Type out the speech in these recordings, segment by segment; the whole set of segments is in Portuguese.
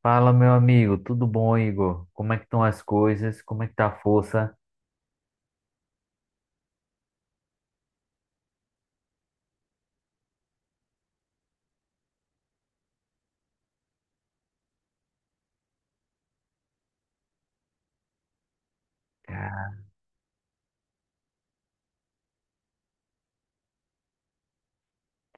Fala, meu amigo, tudo bom, Igor? Como é que estão as coisas? Como é que tá a força?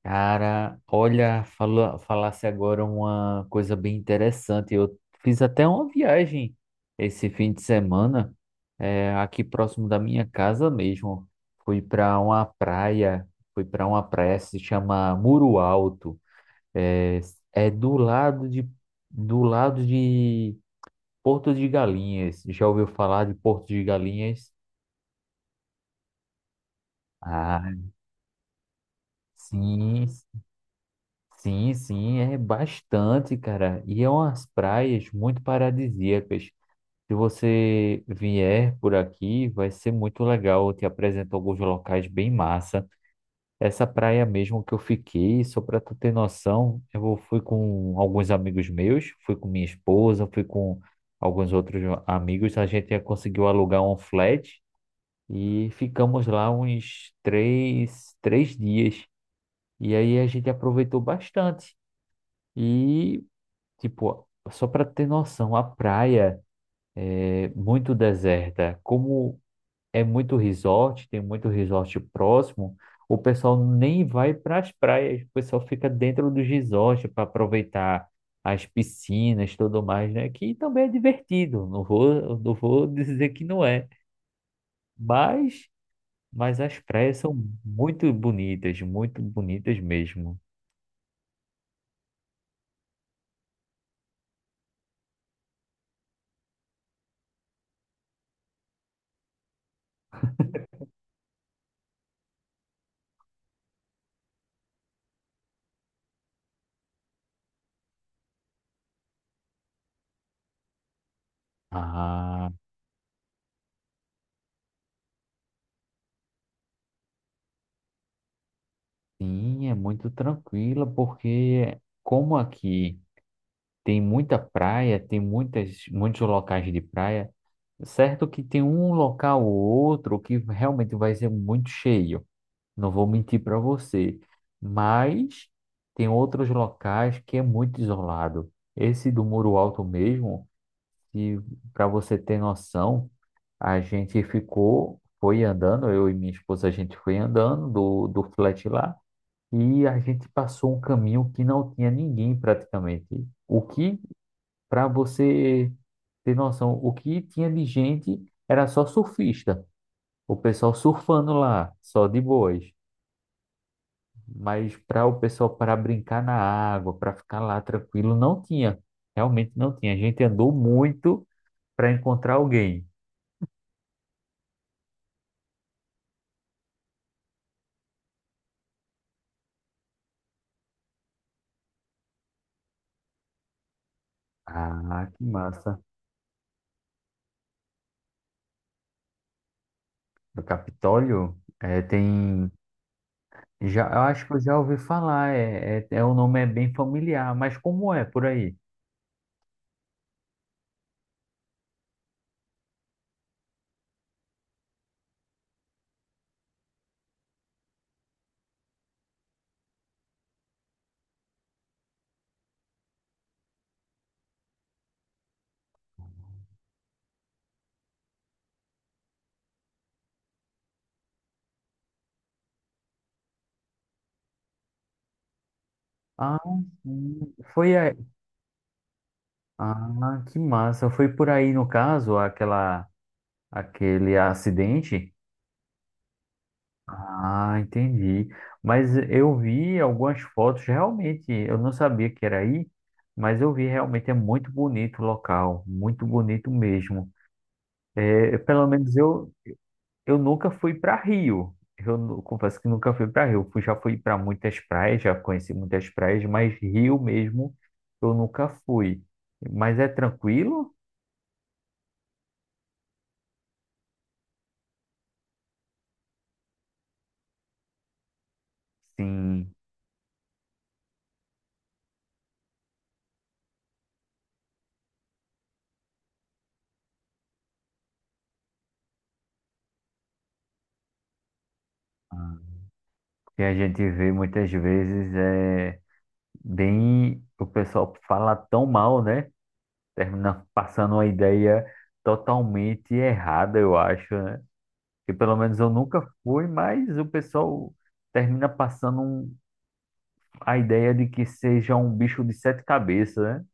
Cara, olha, falou, falasse agora uma coisa bem interessante. Eu fiz até uma viagem esse fim de semana, aqui próximo da minha casa mesmo. Fui para uma praia, Fui para uma praia que se chama Muro Alto. É, é do lado de Porto de Galinhas. Já ouviu falar de Porto de Galinhas? ah Sim, sim, é bastante, cara. E é umas praias muito paradisíacas. Se você vier por aqui, vai ser muito legal. Eu te apresento alguns locais bem massa. Essa praia mesmo que eu fiquei, só para tu ter noção, eu fui com alguns amigos meus, fui com minha esposa, fui com alguns outros amigos. A gente conseguiu alugar um flat e ficamos lá uns três dias. E aí a gente aproveitou bastante. E, tipo, só para ter noção, a praia é muito deserta. Como é muito resort, tem muito resort próximo, o pessoal nem vai para as praias, o pessoal fica dentro dos resorts para aproveitar as piscinas, tudo mais, né? Que também é divertido, não vou dizer que não é, mas, mas as praias são muito bonitas mesmo. Ah. Sim, é muito tranquila, porque como aqui tem muita praia, muitos locais de praia, certo que tem um local ou outro que realmente vai ser muito cheio, não vou mentir para você, mas tem outros locais que é muito isolado. Esse do Muro Alto mesmo, e para você ter noção, a gente ficou, foi andando, eu e minha esposa, a gente foi andando do flat lá. E a gente passou um caminho que não tinha ninguém praticamente. O que, para você ter noção, o que tinha de gente era só surfista. O pessoal surfando lá, só de boas. Mas para o pessoal para brincar na água, para ficar lá tranquilo, não tinha. Realmente não tinha. A gente andou muito para encontrar alguém. Ah, que massa. No Capitólio, é tem. Já, eu acho que eu já ouvi falar, o nome é bem familiar, mas como é por aí? Ah, sim, foi aí. Ah, que massa. Foi por aí no caso, aquele acidente? Ah, entendi. Mas eu vi algumas fotos, realmente, eu não sabia que era aí, mas eu vi realmente é muito bonito o local, muito bonito mesmo. É, pelo menos eu nunca fui para Rio. Confesso que nunca fui para Rio. Já fui para muitas praias, já conheci muitas praias, mas Rio mesmo eu nunca fui. Mas é tranquilo? Sim, que a gente vê muitas vezes é bem o pessoal fala tão mal, né? Termina passando uma ideia totalmente errada, eu acho, né? Que pelo menos eu nunca fui, mas o pessoal termina passando um- a ideia de que seja um bicho de sete cabeças, né?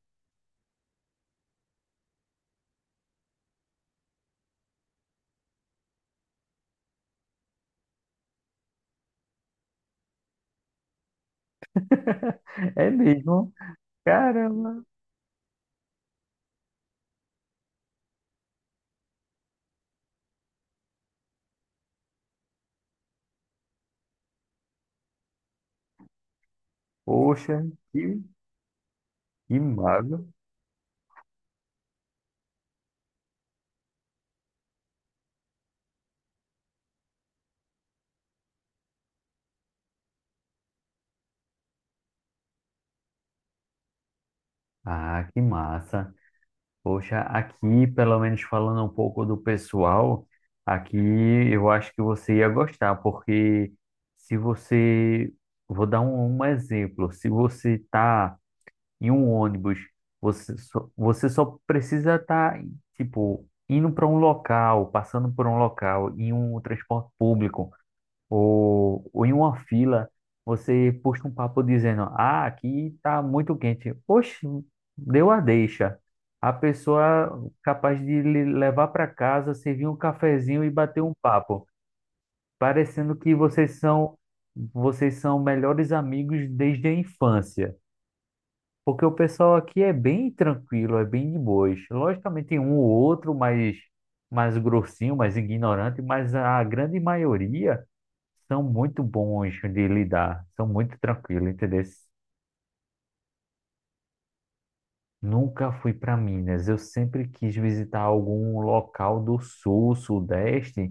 É mesmo? Caramba! Poxa, que, que mago! Ah, que massa! Poxa, aqui, pelo menos falando um pouco do pessoal, aqui eu acho que você ia gostar, porque se você. Vou dar um exemplo. Se você está em um ônibus, você só precisa estar, tá, tipo, indo para um local, passando por um local, em um transporte público, ou em uma fila, você puxa um papo dizendo: "Ah, aqui tá muito quente." Poxa, deu a deixa. A pessoa capaz de lhe levar para casa, servir um cafezinho e bater um papo, parecendo que vocês são melhores amigos desde a infância. Porque o pessoal aqui é bem tranquilo, é bem de boas. Logicamente tem um ou outro mais, mais grossinho, mais ignorante, mas a grande maioria são muito bons de lidar, são muito tranquilos, entendeu? Nunca fui para Minas, eu sempre quis visitar algum local do sul, sudeste,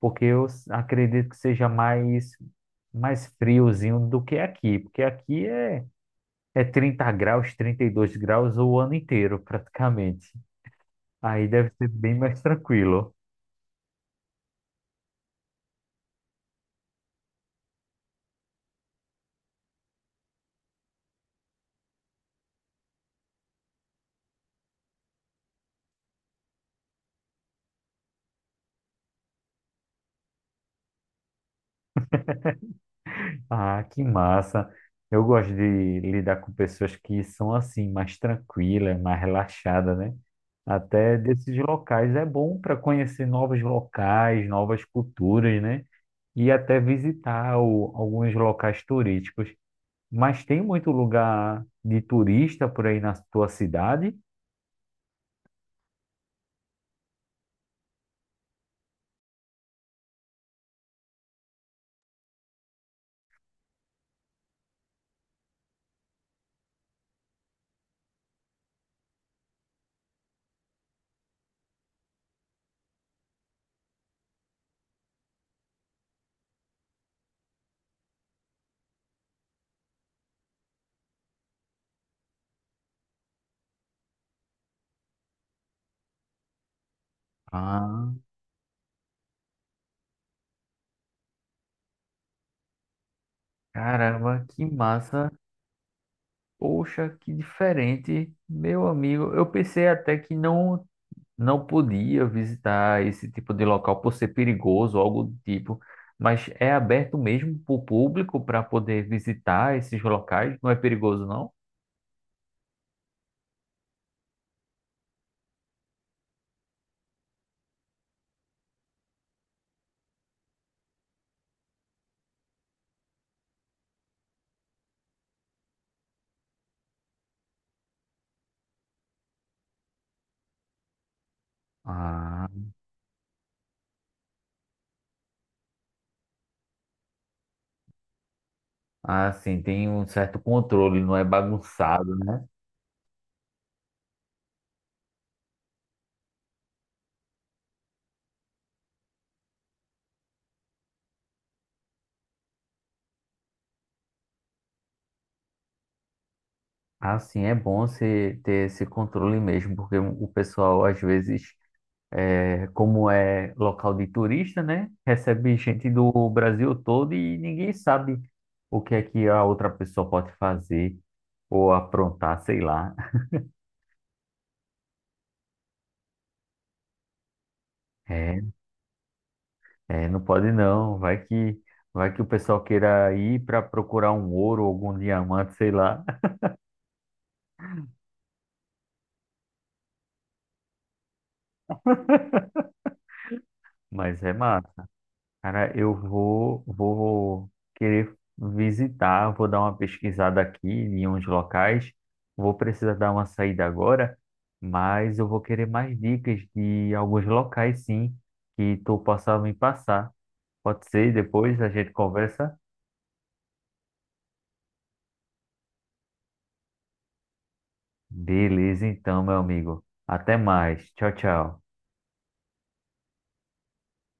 porque acredito que seja mais, mais friozinho do que aqui, porque é 30 graus, 32 graus o ano inteiro, praticamente. Aí deve ser bem mais tranquilo. Ah, que massa. Eu gosto de lidar com pessoas que são assim, mais tranquilas, mais relaxadas, né? Até desses locais é bom para conhecer novos locais, novas culturas, né? E até visitar alguns locais turísticos. Mas tem muito lugar de turista por aí na tua cidade? Ah, caramba, que massa. Poxa, que diferente. Meu amigo, eu pensei até que não podia visitar esse tipo de local por ser perigoso, algo do tipo, mas é aberto mesmo para o público para poder visitar esses locais? Não é perigoso, não? Ah, ah, sim, tem um certo controle, não é bagunçado, né? Ah, sim, é bom você ter esse controle mesmo, porque o pessoal às vezes é, como é local de turista, né? Recebe gente do Brasil todo e ninguém sabe o que é que a outra pessoa pode fazer ou aprontar, sei lá. É, é, não pode não. Vai que o pessoal queira ir para procurar um ouro, algum diamante, sei lá. Mas é massa. Cara, vou querer visitar, vou dar uma pesquisada aqui em uns locais. Vou precisar dar uma saída agora, mas eu vou querer mais dicas de alguns locais, sim, que tu possa me passar. Pode ser, depois a gente conversa? Beleza, então, meu amigo. Até mais. Tchau, tchau.